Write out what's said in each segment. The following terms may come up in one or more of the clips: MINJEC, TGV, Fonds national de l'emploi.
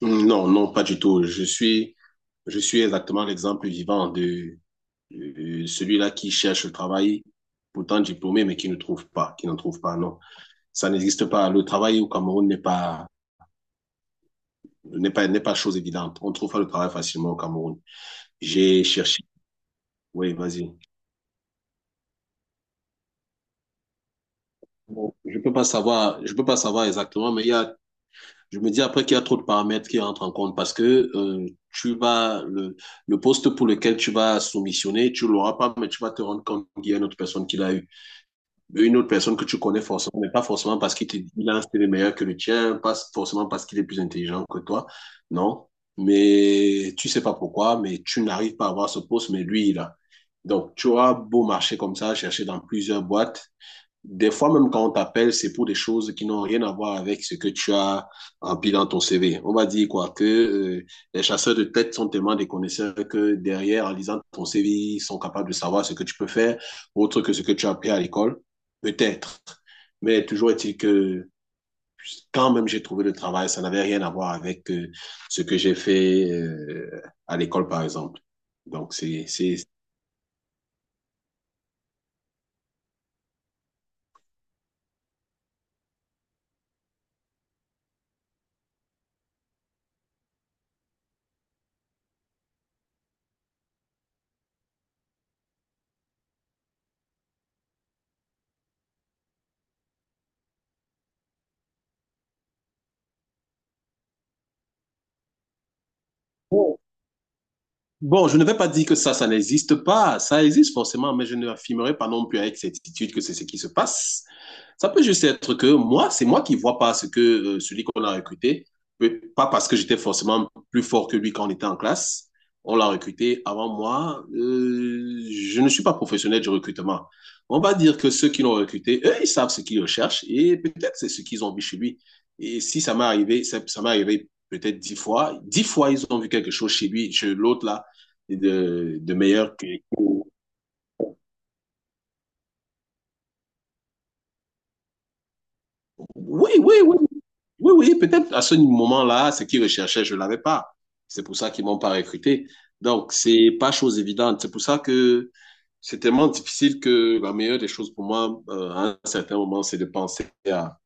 Non, non, pas du tout. Je suis exactement l'exemple vivant de celui-là qui cherche le travail, pourtant diplômé, mais qui ne trouve pas, qui n'en trouve pas, non. Ça n'existe pas. Le travail au Cameroun n'est pas chose évidente. On ne trouve pas le travail facilement au Cameroun. J'ai cherché. Oui, vas-y. Bon, je peux pas savoir exactement, mais il y a je me dis après qu'il y a trop de paramètres qui entrent en compte parce que tu vas le poste pour lequel tu vas soumissionner, tu l'auras pas, mais tu vas te rendre compte qu'il y a une autre personne qui l'a eu. Une autre personne que tu connais forcément, mais pas forcément parce qu'il te dit qu'il a un style meilleur que le tien, pas forcément parce qu'il est plus intelligent que toi. Non. Mais tu sais pas pourquoi, mais tu n'arrives pas à avoir ce poste, mais lui, il a. Donc, tu auras beau marcher comme ça, chercher dans plusieurs boîtes, des fois, même quand on t'appelle, c'est pour des choses qui n'ont rien à voir avec ce que tu as rempli dans ton CV. On va dire quoi que les chasseurs de tête sont tellement des connaisseurs que derrière, en lisant ton CV, ils sont capables de savoir ce que tu peux faire, autre que ce que tu as appris à l'école. Peut-être. Mais toujours est-il que quand même j'ai trouvé le travail, ça n'avait rien à voir avec ce que j'ai fait à l'école, par exemple. Donc, bon, je ne vais pas dire que ça n'existe pas. Ça existe forcément, mais je ne l'affirmerai pas non plus avec certitude que c'est ce qui se passe. Ça peut juste être que moi, c'est moi qui ne vois pas ce que celui qu'on a recruté, pas parce que j'étais forcément plus fort que lui quand on était en classe. On l'a recruté avant moi. Je ne suis pas professionnel du recrutement. On va dire que ceux qui l'ont recruté, eux, ils savent ce qu'ils recherchent et peut-être c'est ce qu'ils ont vu chez lui. Et si ça m'est arrivé, ça m'est arrivé peut-être 10 fois. 10 fois, ils ont vu quelque chose chez lui, chez l'autre là de meilleur que. Oui, oui, oui. Oui, oui, peut-être à ce moment-là, ce qu'ils recherchaient, je ne l'avais pas. C'est pour ça qu'ils ne m'ont pas recruté. Donc, c'est pas chose évidente. C'est pour ça que c'est tellement difficile que la meilleure des choses pour moi, à un certain moment, c'est de penser à,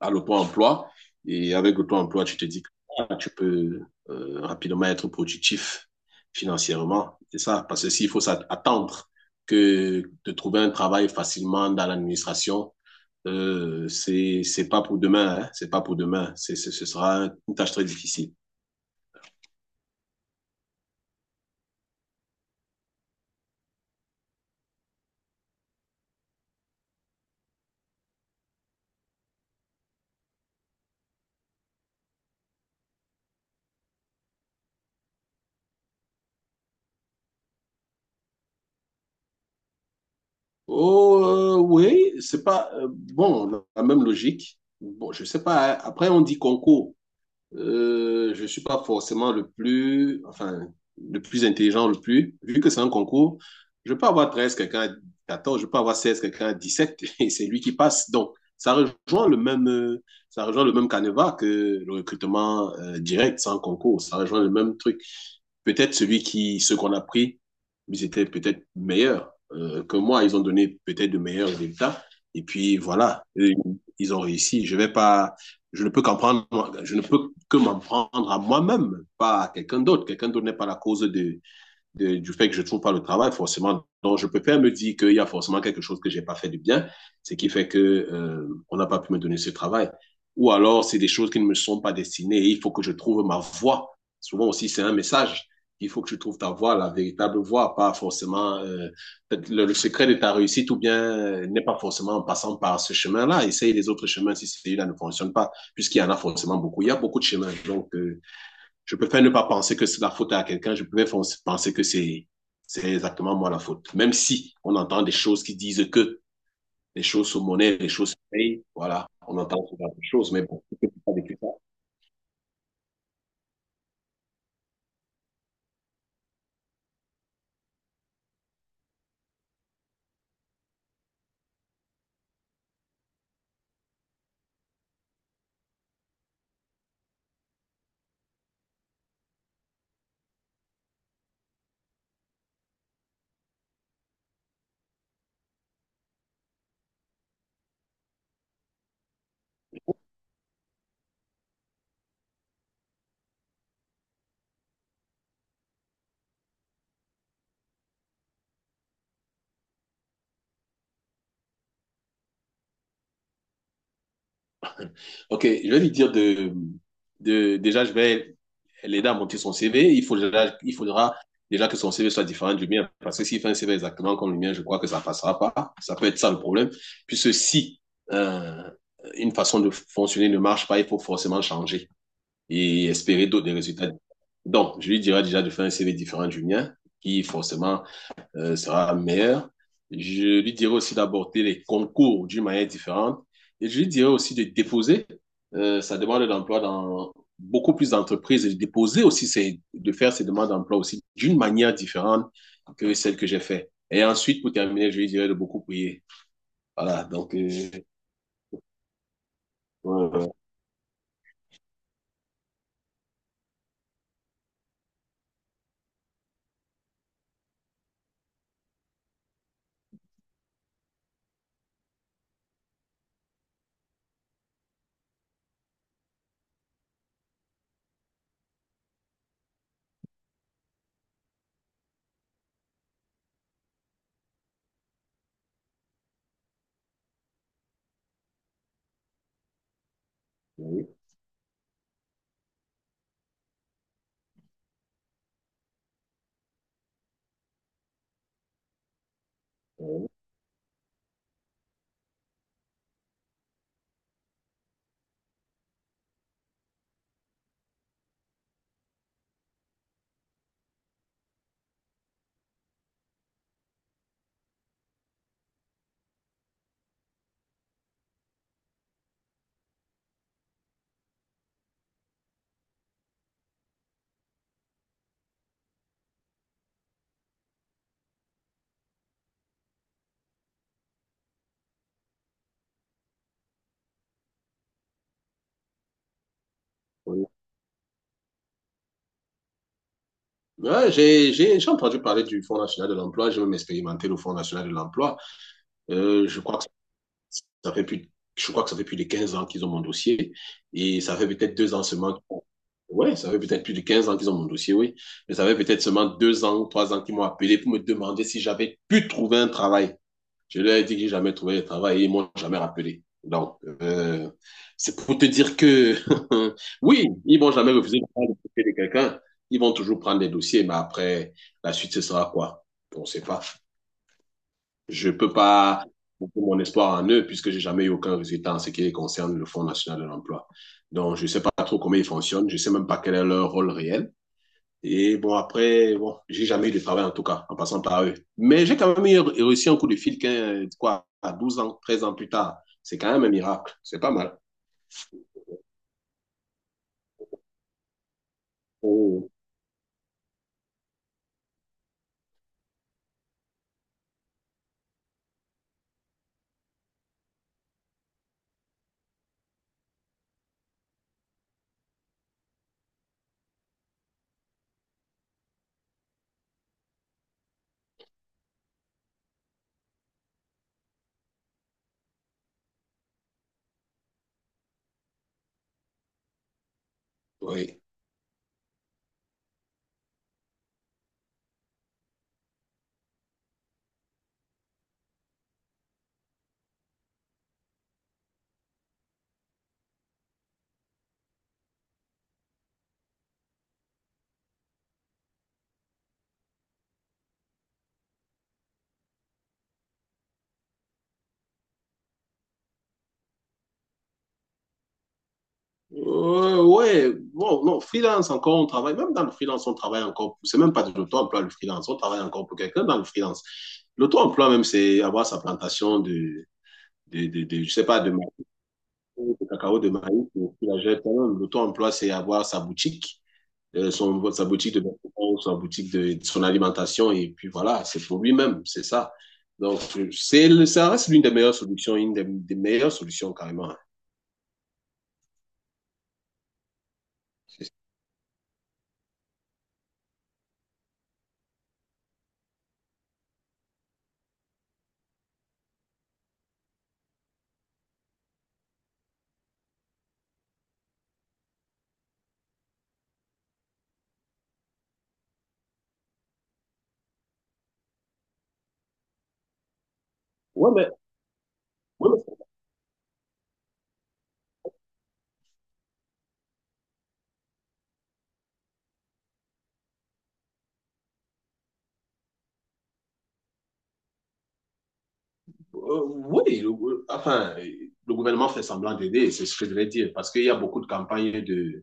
à l'auto-emploi. Et avec l'auto-emploi, tu te dis que ah, tu peux rapidement être productif financièrement. C'est ça. Parce que s'il faut s'attendre que de trouver un travail facilement dans l'administration, c'est pas pour demain, hein, c'est pas pour demain. Ce sera une tâche très difficile. Oh oui, c'est pas bon la même logique. Bon, je sais pas, hein. Après, on dit concours. Je suis pas forcément le plus, enfin, le plus intelligent, le plus. Vu que c'est un concours, je peux avoir 13, quelqu'un a 14, je peux avoir 16, quelqu'un a 17, et c'est lui qui passe. Donc, ça rejoint le même canevas que le recrutement direct sans concours. Ça rejoint le même truc peut-être celui qui, ceux qu'on a pris, ils étaient peut-être meilleurs que moi. Ils ont donné peut-être de meilleurs résultats. Et puis voilà, ils ont réussi. Je vais pas, je ne peux qu'en prendre, je ne peux que m'en prendre à moi-même, pas à quelqu'un d'autre. Quelqu'un d'autre n'est pas la cause du fait que je ne trouve pas le travail, forcément, donc je peux pas me dire qu'il y a forcément quelque chose que j'ai pas fait de bien, ce qui fait que on n'a pas pu me donner ce travail. Ou alors, c'est des choses qui ne me sont pas destinées et il faut que je trouve ma voie. Souvent aussi, c'est un message. Il faut que tu trouves ta voie, la véritable voie, pas forcément le secret de ta réussite ou bien n'est pas forcément en passant par ce chemin-là. Essaye les autres chemins si celui-là ne fonctionne pas, puisqu'il y en a forcément beaucoup. Il y a beaucoup de chemins. Donc, je préfère ne pas penser que c'est la faute à quelqu'un, je préfère penser que c'est exactement moi la faute. Même si on entend des choses qui disent que les choses sont monnaies, les choses se payent, voilà, on entend souvent des choses, mais bon, je ne peux pas vécu ça. Ok, je vais lui dire de, déjà, je vais l'aider à monter son CV. Il faudra déjà que son CV soit différent du mien, parce que s'il fait un CV exactement comme le mien, je crois que ça ne passera pas. Ça peut être ça le problème. Puisque si euh, une façon de fonctionner ne marche pas, il faut forcément changer et espérer d'autres résultats. Donc, je lui dirai déjà de faire un CV différent du mien, qui forcément sera meilleur. Je lui dirai aussi d'aborder les concours d'une manière différente. Et je lui dirai aussi de déposer sa demande d'emploi dans beaucoup plus d'entreprises et de déposer aussi de faire ses demandes d'emploi aussi d'une manière différente que celle que j'ai fait. Et ensuite, pour terminer, je lui dirai de beaucoup prier. Voilà, donc. Ouais, ouais, ouais, ouais, ouais, ouais. Ouais, j'ai entendu parler du Fonds national de l'emploi, j'ai même expérimenté le Fonds national de l'emploi. Euh, je crois que ça fait plus, je crois que ça fait plus de 15 ans qu'ils ont mon dossier et ça fait peut-être 2 ans seulement. Ouais, ça fait peut-être plus de 15 ans qu'ils ont mon dossier, oui. Mais ça fait peut-être seulement 2 ans, 3 ans qu'ils m'ont appelé pour me demander si j'avais pu trouver un travail. Je leur ai dit que j'ai jamais trouvé de travail et ils m'ont jamais rappelé. Donc, c'est pour te dire que oui, ils vont jamais refuser de prendre le dossier de quelqu'un. Ils vont toujours prendre des dossiers, mais après, la suite, ce sera quoi? On ne sait pas. Je peux pas mettre mon espoir en eux puisque j'ai jamais eu aucun résultat en ce qui concerne le Fonds national de l'emploi. Donc, je ne sais pas trop comment ils fonctionnent. Je ne sais même pas quel est leur rôle réel. Et bon, après, bon, j'ai jamais eu de travail en tout cas, en passant par eux. Mais j'ai quand même réussi un coup de fil, quoi, à 12 ans, 13 ans plus tard. C'est quand même un miracle. C'est pas mal. Oh, oui. Ouais, bon, non, freelance encore, on travaille, même dans le freelance, on travaille encore, c'est même pas de l'auto-emploi, le freelance, on travaille encore pour quelqu'un dans le freelance. L'auto-emploi, même, c'est avoir sa plantation je sais pas, de maïs, de cacao, de maïs, ou de la jette, hein. L'auto-emploi, c'est avoir sa boutique sa boutique de vêtements, sa boutique de son alimentation, et puis voilà, c'est pour lui-même, c'est ça. Donc, ça reste l'une des meilleures solutions, une des meilleures solutions carrément. Ouais, mais, ouais, mais, oui, le, enfin, le gouvernement fait semblant d'aider, c'est ce que je vais dire, parce qu'il y a beaucoup de campagnes de,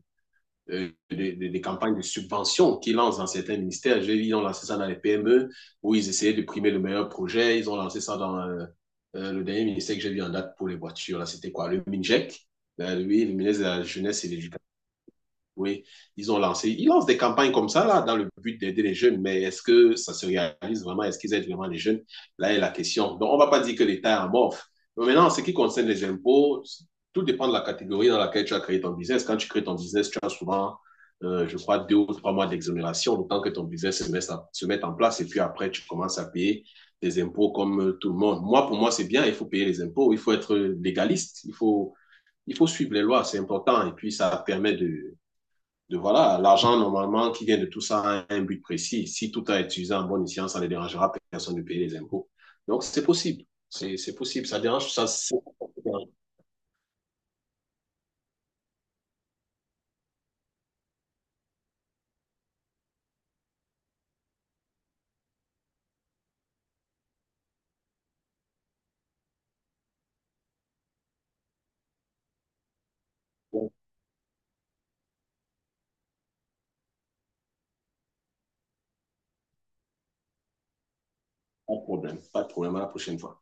campagnes de subvention qu'ils lancent dans certains ministères. J'ai vu, ils ont lancé ça dans les PME, où ils essayaient de primer le meilleur projet. Ils ont lancé ça dans le dernier ministère que j'ai vu en date pour les voitures. Là, c'était quoi? Le MINJEC. Lui, le ministre de la Jeunesse et de. Oui, ils ont lancé. Ils lancent des campagnes comme ça, là, dans le but d'aider les jeunes, mais est-ce que ça se réalise vraiment? Est-ce qu'ils aident vraiment les jeunes? Là est la question. Donc, on ne va pas dire que l'État est amorphe. Mais maintenant, en ce qui concerne les impôts, tout dépend de la catégorie dans laquelle tu as créé ton business. Quand tu crées ton business, tu as souvent, je crois, 2 ou 3 mois d'exonération, le temps que ton business se mette en place, et puis après, tu commences à payer des impôts comme tout le monde. Moi, pour moi, c'est bien, il faut payer les impôts, il faut être légaliste, il faut suivre les lois, c'est important, et puis ça permet de voilà, l'argent normalement qui vient de tout ça a un but précis. Si tout a été utilisé en bonne science, ça ne dérangera personne de payer les impôts. Donc c'est possible, ça dérange, ça, c'est pas de problème, pas de problème à la prochaine fois.